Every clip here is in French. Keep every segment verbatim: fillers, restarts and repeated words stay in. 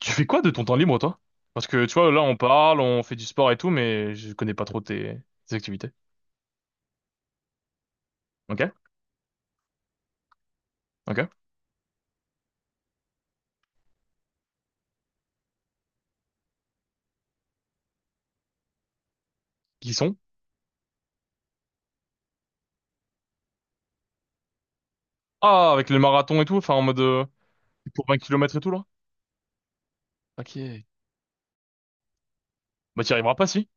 Tu fais quoi de ton temps libre, toi? Parce que, tu vois, là, on parle, on fait du sport et tout, mais je connais pas trop tes, tes activités. Ok? Ok? Qui sont? Ah, avec le marathon et tout, enfin, en mode, euh, pour vingt kilomètres et tout, là? Ok. Bah, t'y arriveras pas, si.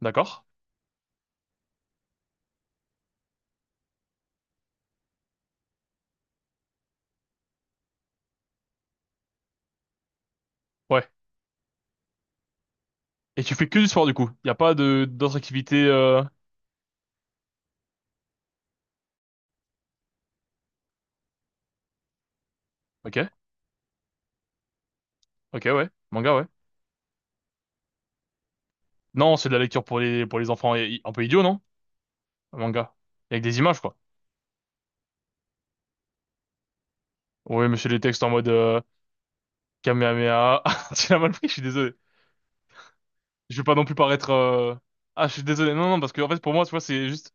D'accord? Ouais. Et tu fais que du sport, du coup. Y a pas de, d'autres activités, euh... Ok? Ok, ouais. Manga, ouais. Non, c'est de la lecture pour les, pour les enfants. Et- Un peu idiot, non? Un manga. Avec des images, quoi. Oui, mais c'est les textes en mode, euh, Kamehameha. Tu l'as mal pris, je suis désolé. Je vais pas non plus paraître. euh, Ah, je suis désolé. Non, non, parce que en fait, pour moi, tu vois, c'est juste.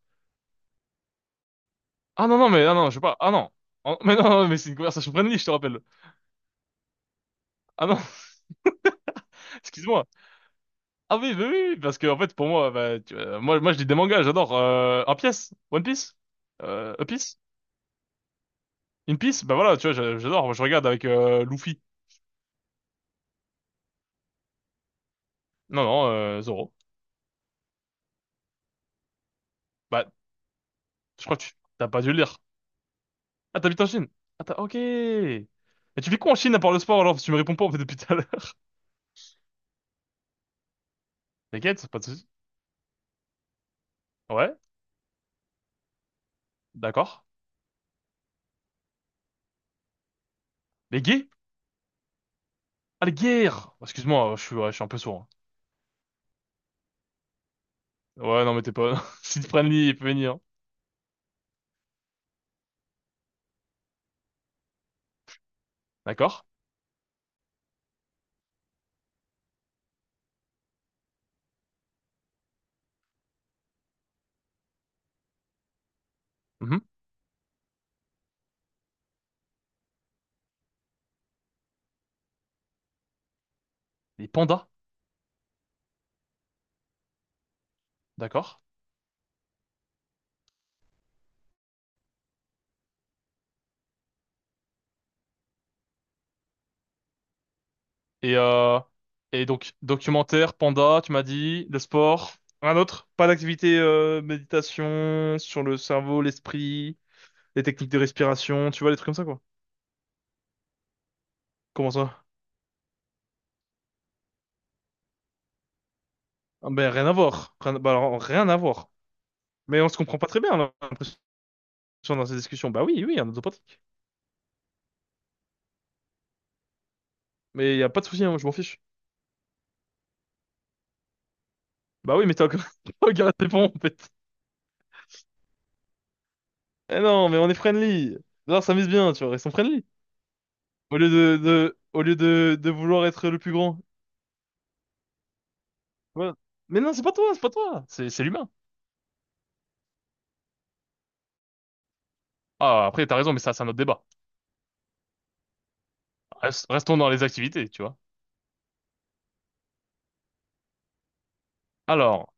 Ah non, non, mais ah, non, je veux pas. Ah non. Ah, mais non, non, mais c'est une conversation friendly, je te rappelle. Ah non, excuse-moi. Ah oui, oui, oui, oui, parce que en fait, pour moi, bah, tu- euh, moi, moi, je lis des mangas, j'adore. Euh, un pièce, One Piece, euh, A Piece, Une Piece. Bah voilà, tu vois, j'a- j'adore. Moi, je regarde avec euh, Luffy. Non, non, euh, Zoro. Bah, je crois que tu t'as pas dû le lire. Ah, t'habites en Chine. Ah, t'as... ok. Mais tu fais quoi en Chine à part le sport alors? Parce que tu me réponds pas en fait depuis tout à l'heure. T'inquiète, pas de soucis. Ouais, d'accord. Mais gay? Ah, le guerre! Excuse-moi, je suis, ouais, je suis un peu sourd. Hein. Ouais, non, mais t'es pas... S'il te prennent, il peut venir. Hein. D'accord. Mhm. Les pandas. D'accord. Et, euh... Et donc, documentaire, panda, tu m'as dit, le sport. Un autre? Pas d'activité, euh, méditation sur le cerveau, l'esprit, les techniques de respiration, tu vois, les trucs comme ça, quoi. Comment ça? Ah, ben, rien à voir. Rien, bah, alors, rien à voir. Mais on se comprend pas très bien, on a l'impression, dans ces discussions. Bah oui, oui, un autopratique. Mais y a pas de souci, hein, je m'en fiche. Bah oui, mais t'as encore... Regarde, c'est bon, en fait. Eh non, mais on est friendly. Alors ça mise bien, tu vois, ils sont friendly. Au lieu de, de, au lieu de, de vouloir être le plus grand. Ouais. Mais non, c'est pas toi, c'est pas toi. C'est, c'est l'humain. Ah, après, t'as raison, mais ça, c'est un autre débat. Rest- Restons dans les activités, tu vois. Alors,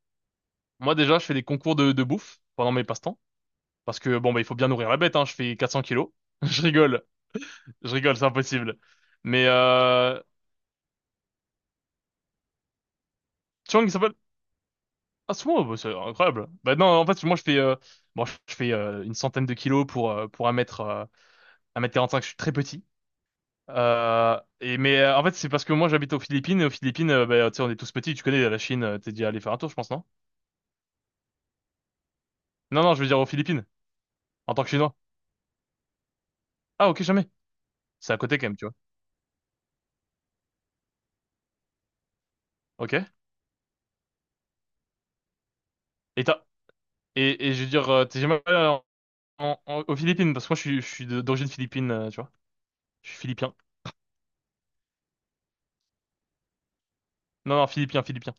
moi, déjà, je fais des concours de, de bouffe pendant mes passe-temps. Parce que, bon, bah, il faut bien nourrir la bête, hein. Je fais quatre cents kilos. Je rigole. Je rigole, c'est impossible. Mais, euh, Chang, il s'appelle... Ah, c'est moi, bah, c'est incroyable. Bah, non, en fait, moi, je fais, euh, bon, je fais, euh, une centaine de kilos pour, euh, pour un mètre, euh, un mètre quarante cinq. Je suis très petit. Euh, et mais euh, en fait, c'est parce que moi j'habite aux Philippines. Et aux Philippines, euh, bah, tu sais, on est tous petits. Tu connais la Chine, euh, t'es déjà allé faire un tour, je pense, non? Non, non, je veux dire aux Philippines, en tant que Chinois. Ah, ok, jamais. C'est à côté quand même, tu vois. Ok. Et t'as... et, et je veux dire, euh, t'es jamais allé en- en- en- aux Philippines, parce que moi, je suis je suis de- d'origine philippine, euh, tu vois. Je suis philippien. Non, non, philippien, philippien.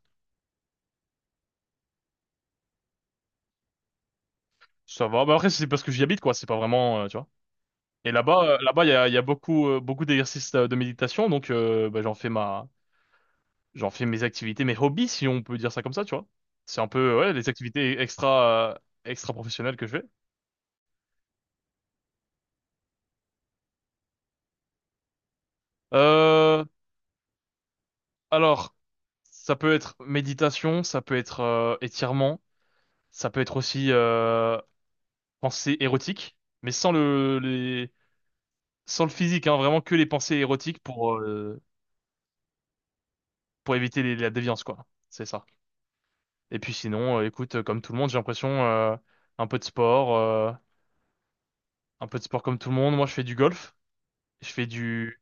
Ça va. Bah, après, c'est parce que j'y habite, quoi. C'est pas vraiment, euh, tu vois. Et là-bas euh, là-bas, il y a, il y a beaucoup euh, beaucoup d'exercices, euh, de méditation. Donc, euh, bah, j'en fais ma j'en fais mes activités, mes hobbies, si on peut dire ça comme ça, tu vois. C'est un peu, ouais, les activités extra, euh, extra professionnelles que je fais. Euh, alors, ça peut être méditation, ça peut être euh, étirement, ça peut être aussi euh, pensée érotique, mais sans le, les, sans le physique, hein, vraiment que les pensées érotiques pour, euh, pour éviter les- la déviance, quoi. C'est ça. Et puis sinon, euh, écoute, euh, comme tout le monde, j'ai l'impression, euh, un peu de sport, euh, un peu de sport comme tout le monde. Moi, je fais du golf, je fais du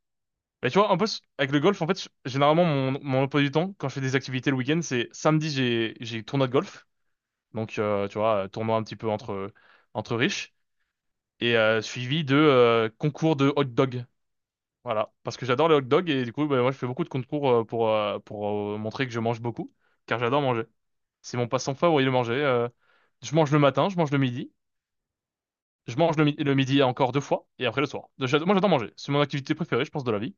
Mais tu vois, en plus, avec le golf, en fait, généralement, mon, mon emploi du temps, quand je fais des activités le week-end, c'est samedi, j'ai, j'ai tournoi de golf. Donc, euh, tu vois, euh, tournoi un petit peu entre, entre riches. Et euh, suivi de euh, concours de hot dog. Voilà. Parce que j'adore les hot dogs et du coup, bah, moi, je fais beaucoup de concours euh, pour, euh, pour euh, montrer que je mange beaucoup. Car j'adore manger. C'est mon passe-temps favori, le manger. euh, Je mange le matin, je mange le midi. Je mange le, mi- le midi encore deux fois et après le soir. J'ado- Moi, j'adore manger. C'est mon activité préférée, je pense, de la vie.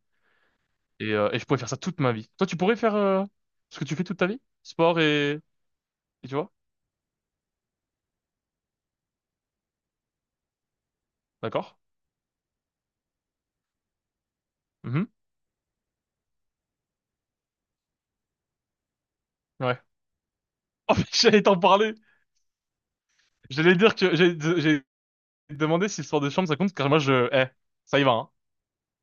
Et, euh, et je pourrais faire ça toute ma vie. Toi, tu pourrais faire euh, ce que tu fais toute ta vie? Sport et... et tu vois? D'accord? Mhm. Ouais. Oh, mais j'allais t'en parler! J'allais dire que j'ai j'ai demandé si le sport de chambre ça compte, car moi je... Eh, ça y va, hein.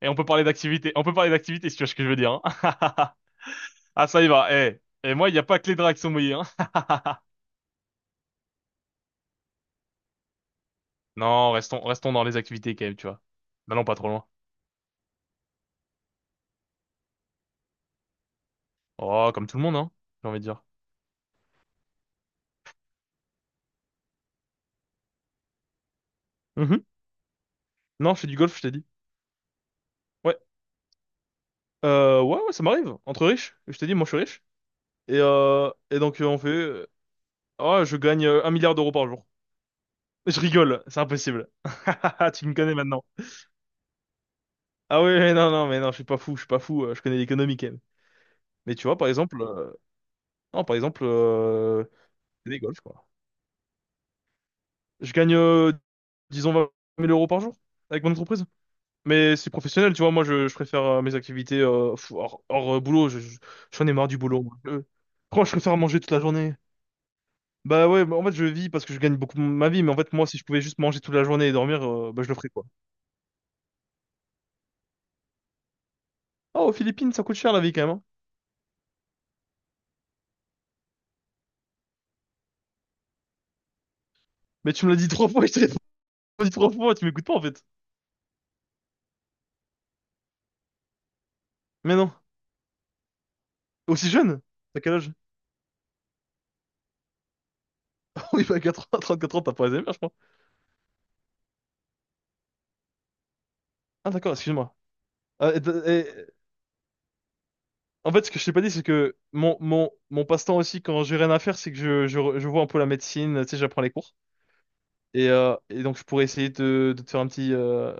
Et on peut parler d'activité. On peut parler d'activité si tu vois ce que je veux dire, hein. Ah, ça y va, eh. Et moi, il n'y a pas que les draps qui sont mouillés, hein. Non, restons, restons dans les activités quand même, tu vois. N'allons pas trop loin. Oh, comme tout le monde, hein, j'ai envie de dire. Mhm. Non, je fais du golf, je t'ai dit. Ouais. Euh, ouais, ouais, ça m'arrive. Entre riches. Je t'ai dit, moi, je suis riche. Et, euh, et donc, euh, on fait, euh, oh, je gagne euh, un milliard d'euros par jour. Je rigole, c'est impossible. Tu me connais maintenant. Ah oui, oui, non, non, mais non, je suis pas fou, je suis pas fou, euh, je connais l'économie quand même. Mais tu vois, par exemple, euh, non, par exemple, euh, c'est des golfs, quoi. Je gagne, euh, disons, vingt mille euros par jour avec mon entreprise. Mais c'est professionnel, tu vois, moi, je, je préfère euh, mes activités euh, fou- hors, hors, euh, boulot, je, je- j'en ai marre du boulot, moi. Je- franchement, je préfère manger toute la journée. Bah ouais, bah en fait, je vis parce que je gagne beaucoup ma vie, mais en fait, moi, si je pouvais juste manger toute la journée et dormir, euh, bah je le ferais quoi. Oh, aux Philippines, ça coûte cher la vie quand même, hein. Mais tu me l'as dit trois fois, je te l'ai dit trois fois, tu m'écoutes pas en fait. Mais non. Aussi jeune? T'as quel âge? Oui, bah quatre-vingts, trente-quatre ans, t'as pas Alzheimer, je crois. Ah d'accord, excuse-moi. Euh, et d- et- en fait, ce que je t'ai pas dit, c'est que mon, mon, mon passe-temps aussi, quand j'ai rien à faire, c'est que je, je, re- je vois un peu la médecine, tu sais, j'apprends les cours. Et, euh, et donc, je pourrais essayer de, de te faire un petit, euh,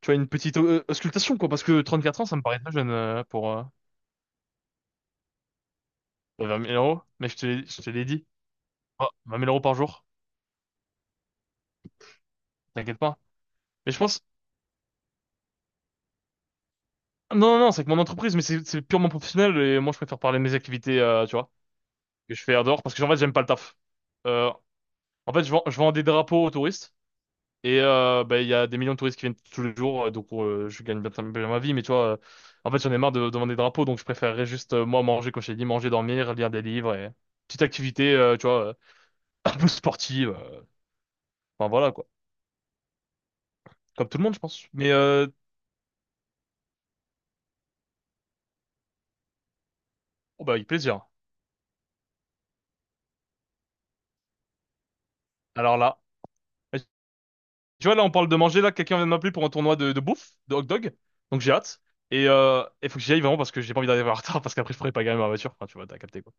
tu vois, une petite euh, auscultation, quoi, parce que trente-quatre ans, ça me paraît très jeune euh, pour, euh, Euh, vingt mille euros, mais je te, l'ai- je te l'ai dit. Oh, vingt mille euros par jour, t'inquiète pas. Mais je pense... Non, non, non, c'est que mon entreprise, mais c'est c'est purement professionnel et moi je préfère parler de mes activités, euh, tu vois, que je fais en dehors parce que en fait j'aime pas le taf. Euh, en fait, je vends, je vends des drapeaux aux touristes et euh, bah, il y a des millions de touristes qui viennent tous les jours, euh, donc euh, je gagne bien, bien ma vie, mais tu vois, euh, en fait j'en ai marre de, de vendre des drapeaux, donc je préférerais juste, euh, moi, manger, comme je t'ai dit, manger, dormir, lire des livres et petite activité, euh, tu vois, euh, un peu sportive. euh, Enfin voilà quoi, comme tout le monde, je pense. Mais euh, oh, bah, avec plaisir. Alors là, tu vois, là, on parle de manger. Là, quelqu'un vient de m'appeler pour un tournoi de, de bouffe, de hot dog. Donc j'ai hâte. Et euh, il faut que j'y aille vraiment parce que j'ai pas envie d'arriver en retard parce qu'après, je pourrais pas gagner ma voiture. Enfin, tu vois, t'as capté quoi.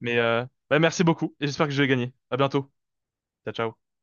Mais euh, bah, merci beaucoup et j'espère que je vais gagner. À bientôt. Ciao, ciao.